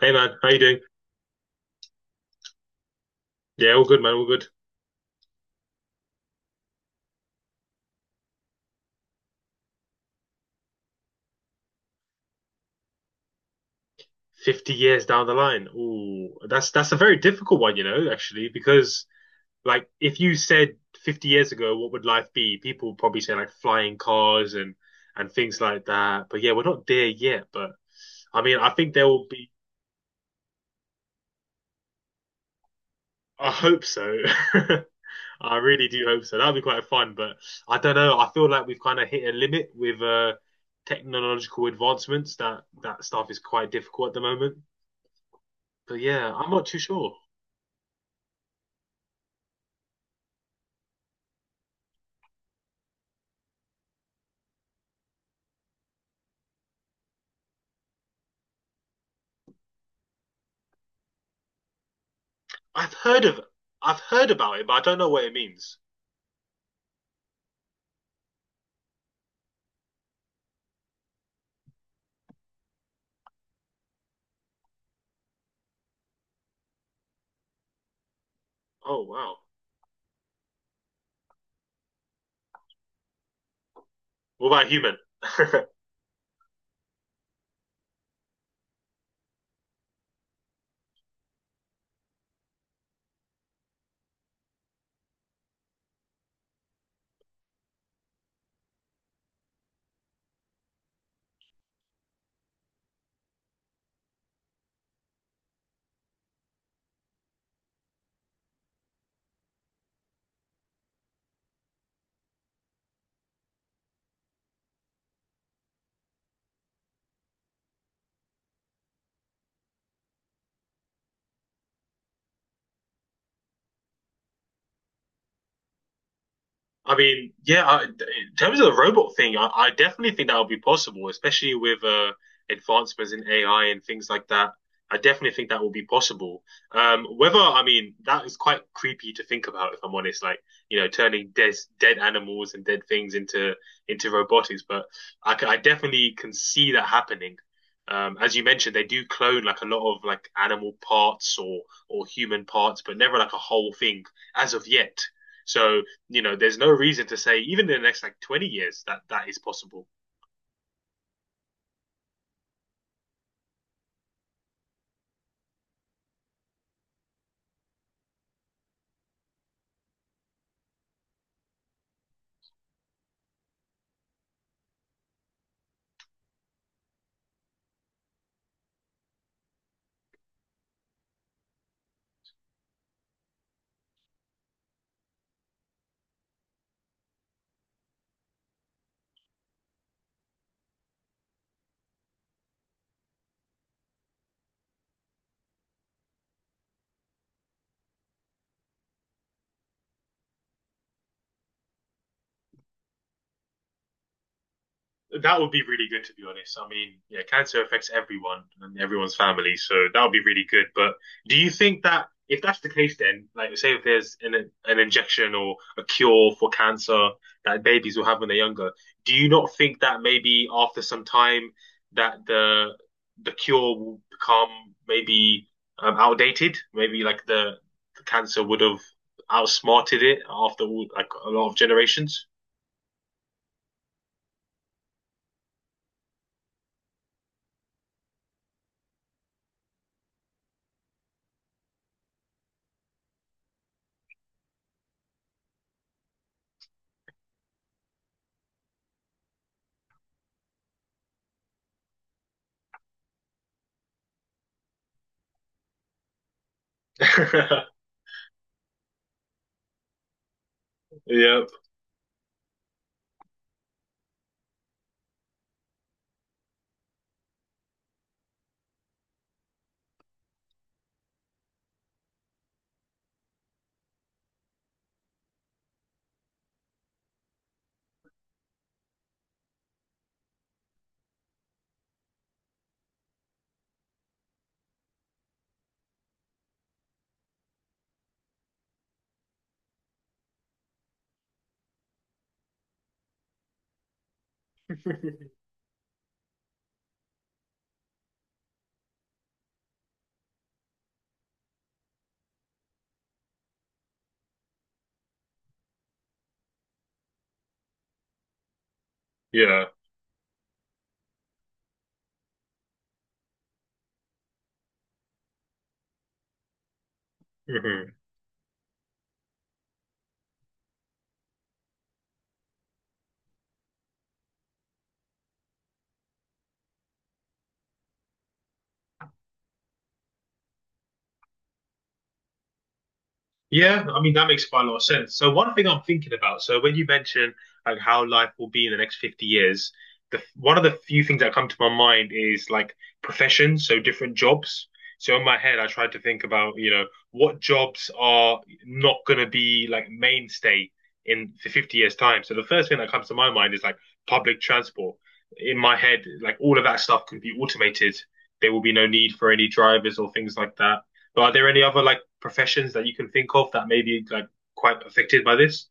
Hey man, how you doing? Yeah, all good, man, all good. 50 years down the line. Ooh, that's a very difficult one, you know, actually. Because like if you said 50 years ago, what would life be? People would probably say like flying cars and things like that. But yeah, we're not there yet, but I mean, I think there will be. I hope so. I really do hope so. That'll be quite fun, but I don't know. I feel like we've kind of hit a limit with technological advancements. That stuff is quite difficult at the moment. But yeah, I'm not too sure. I've heard of— I've heard about it, but I don't know what it means. Oh wow. What about human? I mean, yeah, in terms of the robot thing, I definitely think that would be possible, especially with advancements in AI and things like that. I definitely think that will be possible. I mean, that is quite creepy to think about, if I'm honest, like, you know, turning dead animals and dead things into robotics. But I definitely can see that happening. As you mentioned, they do clone like a lot of like animal parts or human parts, but never like a whole thing as of yet. So you know, there's no reason to say even in the next like 20 years that that is possible. That would be really good, to be honest. I mean, yeah, cancer affects everyone and everyone's family, so that would be really good. But do you think that if that's the case, then like say if there's an injection or a cure for cancer that babies will have when they're younger, do you not think that maybe after some time that the cure will become maybe outdated? Maybe like the cancer would have outsmarted it after all, like a lot of generations. Yeah, yeah. Hmm. Yeah, I mean that makes quite a lot of sense. So one thing I'm thinking about, so when you mention like how life will be in the next 50 years, the one of the few things that come to my mind is like professions, so different jobs. So in my head, I tried to think about, you know, what jobs are not going to be like mainstay in the 50 years time. So the first thing that comes to my mind is like public transport. In my head, like all of that stuff could be automated. There will be no need for any drivers or things like that. But are there any other like professions that you can think of that may be like quite affected by this?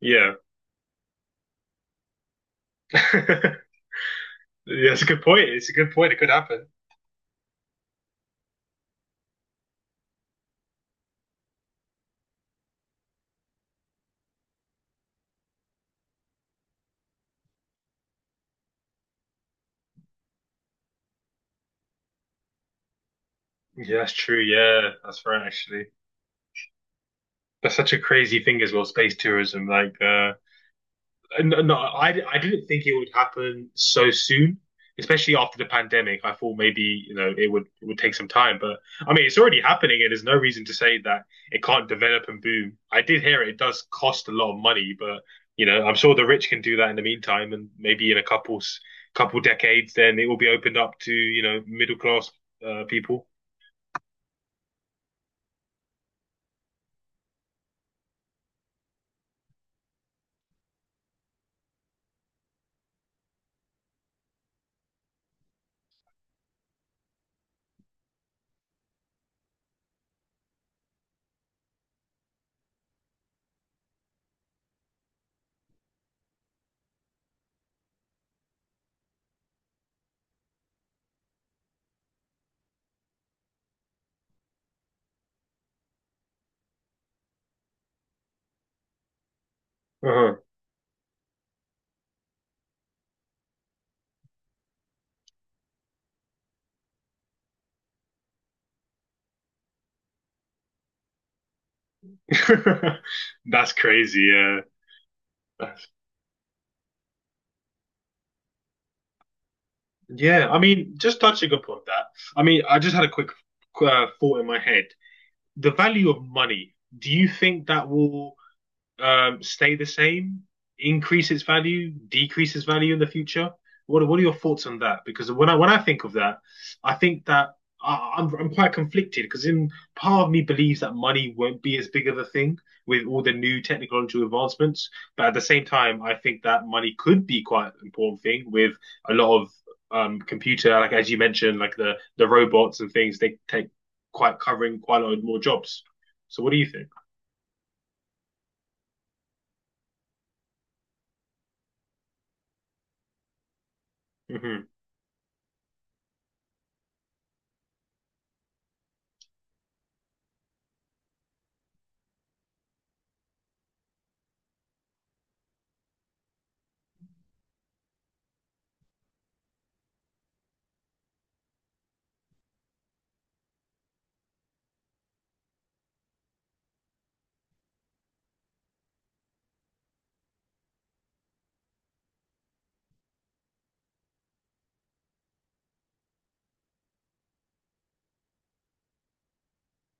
Yeah. Yeah, that's a good point. It's a good point. It could happen. Yeah, that's true. Yeah, that's right, actually. That's such a crazy thing as well, space tourism. Like, no, I didn't think it would happen so soon, especially after the pandemic. I thought maybe you know it would take some time, but I mean it's already happening, and there's no reason to say that it can't develop and boom. I did hear it, it does cost a lot of money, but you know I'm sure the rich can do that in the meantime, and maybe in a couple decades, then it will be opened up to you know middle class people. Uh-huh. That's crazy. Yeah. Yeah, I mean, just touching upon that, I mean, I just had a quick thought in my head. The value of money, do you think that will stay the same, increase its value, decrease its value in the future? What are your thoughts on that? Because when I think of that, I think that I'm quite conflicted because in part of me believes that money won't be as big of a thing with all the new technological advancements, but at the same time, I think that money could be quite an important thing with a lot of computer, like as you mentioned, like the robots and things, they take quite covering quite a lot more jobs. So what do you think? Hmm.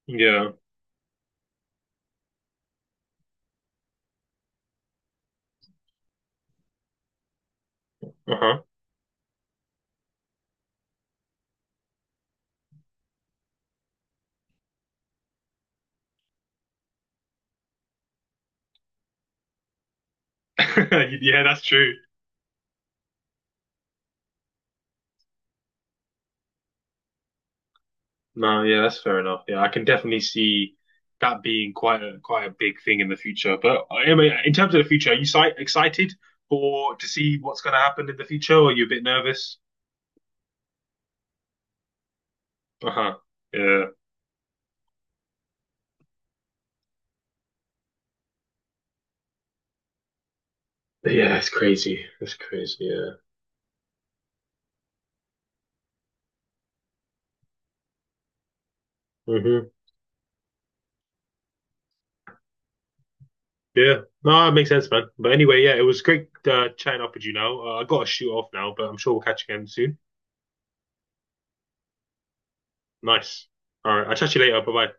Yeah. Uh-huh. Yeah, that's true. No, yeah, that's fair enough. Yeah, I can definitely see that being quite a quite a big thing in the future. But I mean, in terms of the future, are you si excited for to see what's going to happen in the future, or are you a bit nervous? Uh-huh. Yeah. Yeah, it's crazy. It's crazy. Yeah. Hmm. Yeah. No, it makes sense, man. But anyway, yeah, it was great chatting up with you now. I got to shoot off now, but I'm sure we'll catch again soon. Nice. All right. I'll chat to you later. Bye bye.